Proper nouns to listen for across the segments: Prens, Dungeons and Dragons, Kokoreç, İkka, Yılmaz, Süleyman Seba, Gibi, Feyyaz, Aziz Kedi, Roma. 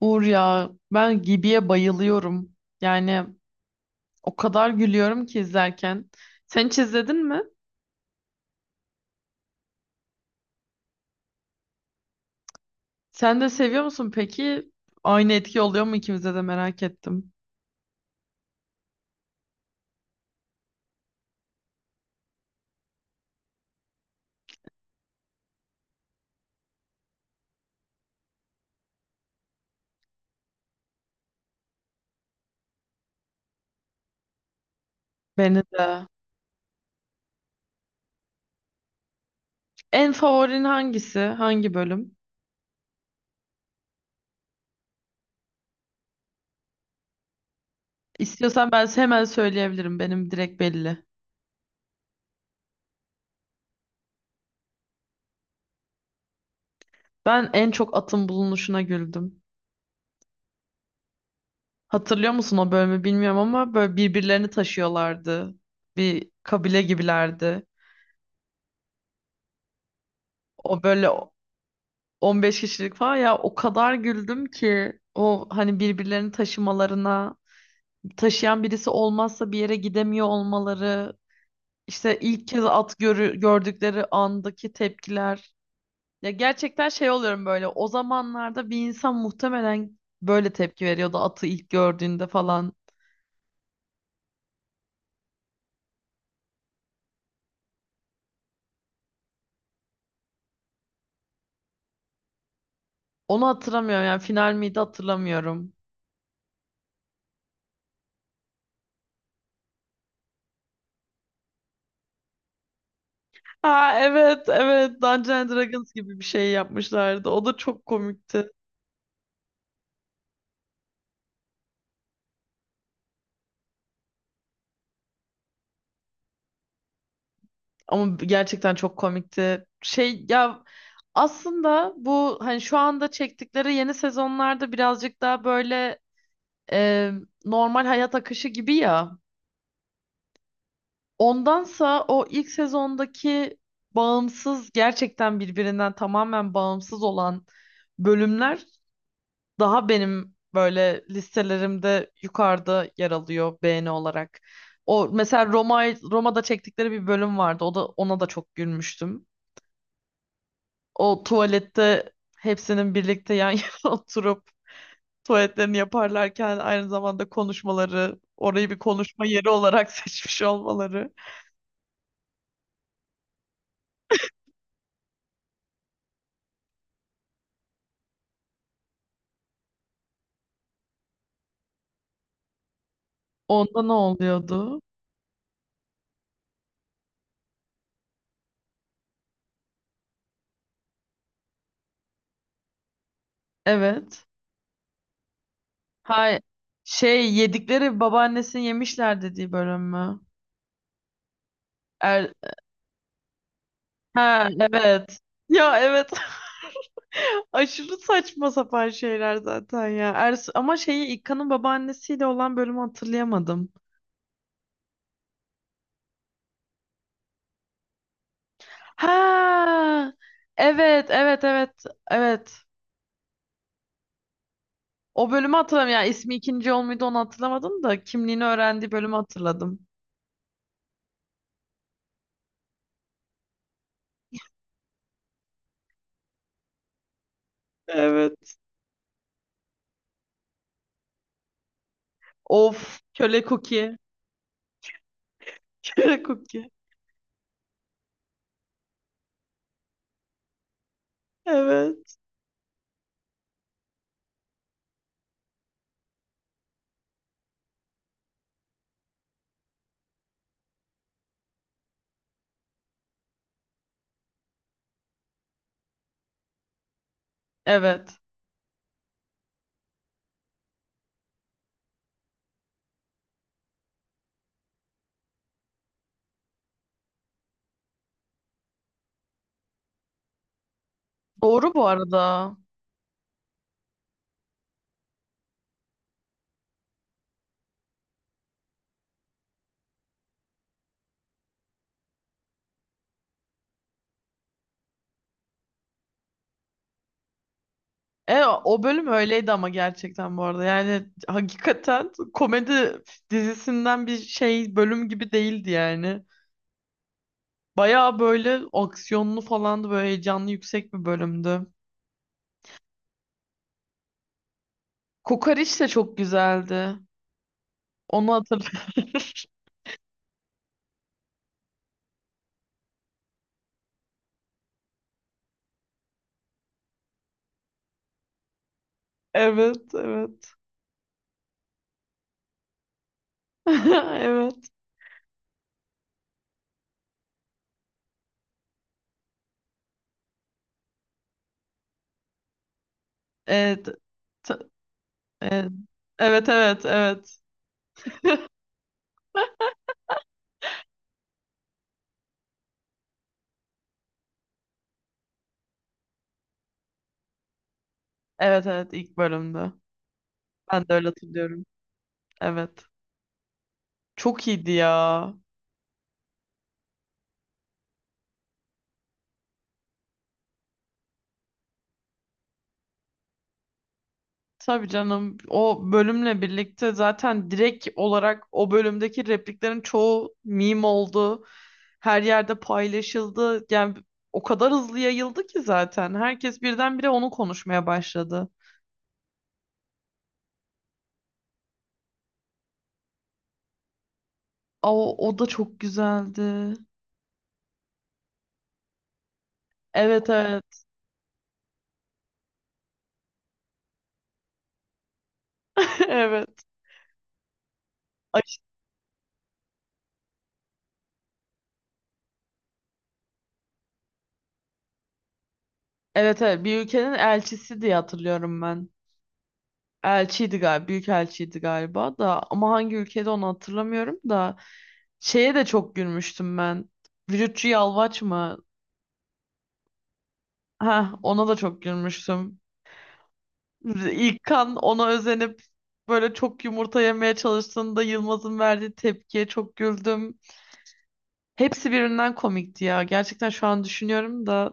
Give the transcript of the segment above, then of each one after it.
Uğur ya ben Gibi'ye bayılıyorum. Yani o kadar gülüyorum ki izlerken. Sen hiç izledin mi? Sen de seviyor musun peki? Aynı etki oluyor mu ikimize de merak ettim. Beni de. En favorin hangisi? Hangi bölüm? İstiyorsan ben hemen söyleyebilirim. Benim direkt belli. Ben en çok atın bulunuşuna güldüm. Hatırlıyor musun o bölümü bilmiyorum ama böyle birbirlerini taşıyorlardı. Bir kabile gibilerdi. O böyle 15 kişilik falan ya o kadar güldüm ki o hani birbirlerini taşımalarına taşıyan birisi olmazsa bir yere gidemiyor olmaları işte ilk kez at gördükleri andaki tepkiler ya gerçekten şey oluyorum böyle o zamanlarda bir insan muhtemelen böyle tepki veriyordu atı ilk gördüğünde falan onu hatırlamıyorum yani final miydi hatırlamıyorum. Ha evet evet, Dungeons and Dragons gibi bir şey yapmışlardı, o da çok komikti. Ama gerçekten çok komikti. Şey ya, aslında bu hani şu anda çektikleri yeni sezonlarda birazcık daha böyle e, normal hayat akışı gibi ya. Ondansa o ilk sezondaki bağımsız, gerçekten birbirinden tamamen bağımsız olan bölümler daha benim böyle listelerimde yukarıda yer alıyor beğeni olarak. O mesela Roma'da çektikleri bir bölüm vardı. O da, ona da çok gülmüştüm. O tuvalette hepsinin birlikte yan yana oturup tuvaletlerini yaparlarken aynı zamanda konuşmaları, orayı bir konuşma yeri olarak seçmiş olmaları. Onda ne oluyordu? Evet. Hay şey, yedikleri babaannesini yemişler dediği bölüm mü? Er ha evet. Ya evet. Aşırı saçma sapan şeyler zaten ya. Ama şeyi İkka'nın babaannesiyle olan bölümü hatırlayamadım. Ha, evet, evet, evet, evet. O bölümü hatırlamıyorum. Yani ismi ikinci yol muydu onu hatırlamadım da kimliğini öğrendiği bölümü hatırladım. Evet. Of, köle cookie. Köle Cookie. Evet. Evet. Doğru bu arada. O bölüm öyleydi ama gerçekten, bu arada. Yani hakikaten komedi dizisinden bir bölüm gibi değildi yani. Bayağı böyle aksiyonlu falandı, böyle heyecanlı, yüksek bir bölümdü. Kokoreç de çok güzeldi. Onu hatırlar. Evet, evet. Evet. Evet. T- Evet, evet, evet. Evet, evet, evet, ilk bölümde. Ben de öyle hatırlıyorum. Evet. Çok iyiydi ya. Tabii canım. O bölümle birlikte zaten direkt olarak o bölümdeki repliklerin çoğu meme oldu. Her yerde paylaşıldı. Yani o kadar hızlı yayıldı ki zaten. Herkes birdenbire onu konuşmaya başladı. Aa, o da çok güzeldi. Evet evet. Evet. Ay, evet evet, bir ülkenin elçisi diye hatırlıyorum ben. Elçiydi galiba, büyük elçiydi galiba da ama hangi ülkede onu hatırlamıyorum da şeye de çok gülmüştüm ben. Vücutçu Yalvaç mı? Ha, ona da çok gülmüştüm. İlkan ona özenip böyle çok yumurta yemeye çalıştığında Yılmaz'ın verdiği tepkiye çok güldüm. Hepsi birbirinden komikti ya. Gerçekten şu an düşünüyorum da.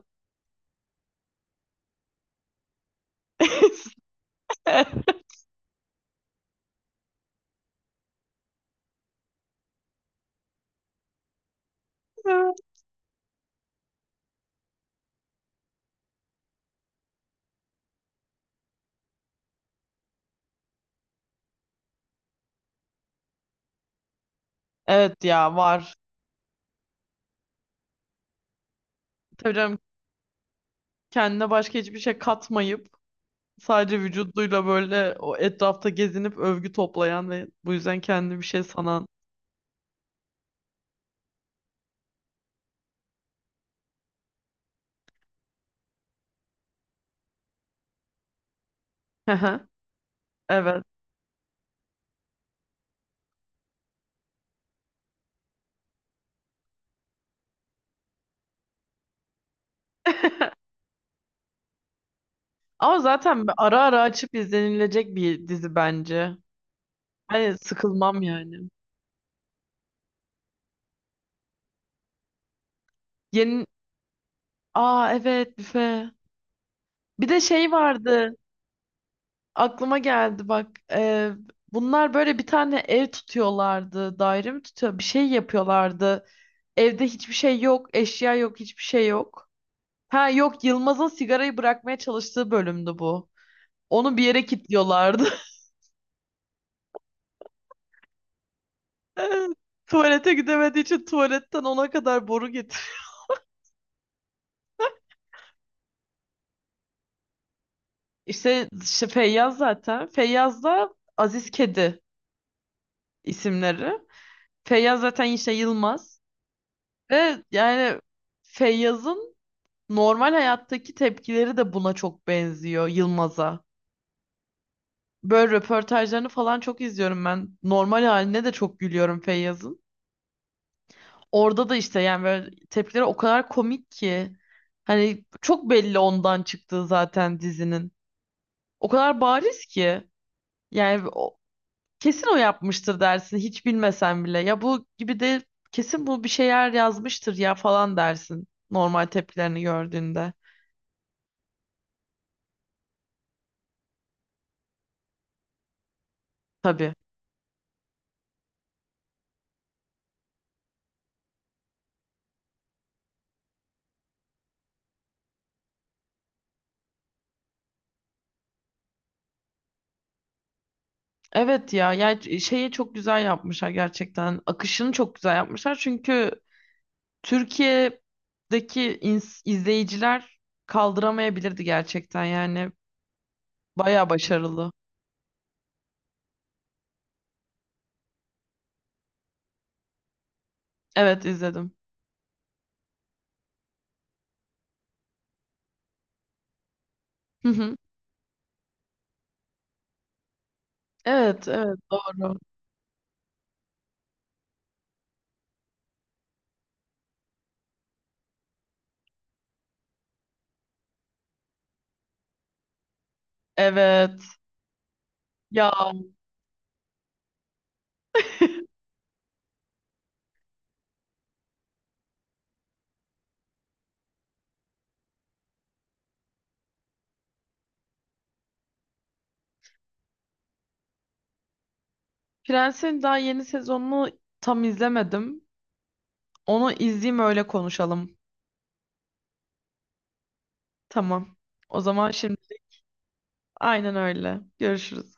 Evet ya, var. Tabii canım, kendine başka hiçbir şey katmayıp sadece vücuduyla böyle o etrafta gezinip övgü toplayan ve bu yüzden kendini bir şey sanan. Hı hı, evet. Ama zaten ara ara açıp izlenilecek bir dizi bence. Hani sıkılmam yani. Yeni... Aa evet, büfe. Bir de şey vardı. Aklıma geldi bak. Bunlar böyle bir tane ev tutuyorlardı. Daire mi tutuyor? Bir şey yapıyorlardı. Evde hiçbir şey yok. Eşya yok. Hiçbir şey yok. Ha yok, Yılmaz'ın sigarayı bırakmaya çalıştığı bölümdü bu. Onu bir yere kilitliyorlardı. Tuvalete gidemediği için tuvaletten ona kadar boru getir. İşte, işte Feyyaz zaten. Feyyaz da Aziz Kedi isimleri. Feyyaz zaten işte Yılmaz. Ve yani Feyyaz'ın normal hayattaki tepkileri de buna çok benziyor, Yılmaz'a. Böyle röportajlarını falan çok izliyorum ben. Normal haline de çok gülüyorum Feyyaz'ın. Orada da işte yani böyle tepkileri o kadar komik ki. Hani çok belli ondan çıktığı zaten dizinin. O kadar bariz ki. Yani o, kesin o yapmıştır dersin hiç bilmesen bile. Ya bu gibi de kesin bu bir şeyler yazmıştır ya falan dersin. Normal tepkilerini gördüğünde. Tabii. Evet ya, ya şeye çok güzel yapmışlar gerçekten. Akışını çok güzel yapmışlar. Çünkü Türkiye'deki izleyiciler kaldıramayabilirdi gerçekten yani. Bayağı başarılı. Evet izledim. Hı hı. Evet, evet doğru. Evet. Ya Prens'in daha yeni sezonunu tam izlemedim. Onu izleyeyim öyle konuşalım. Tamam. O zaman şimdi aynen öyle. Görüşürüz.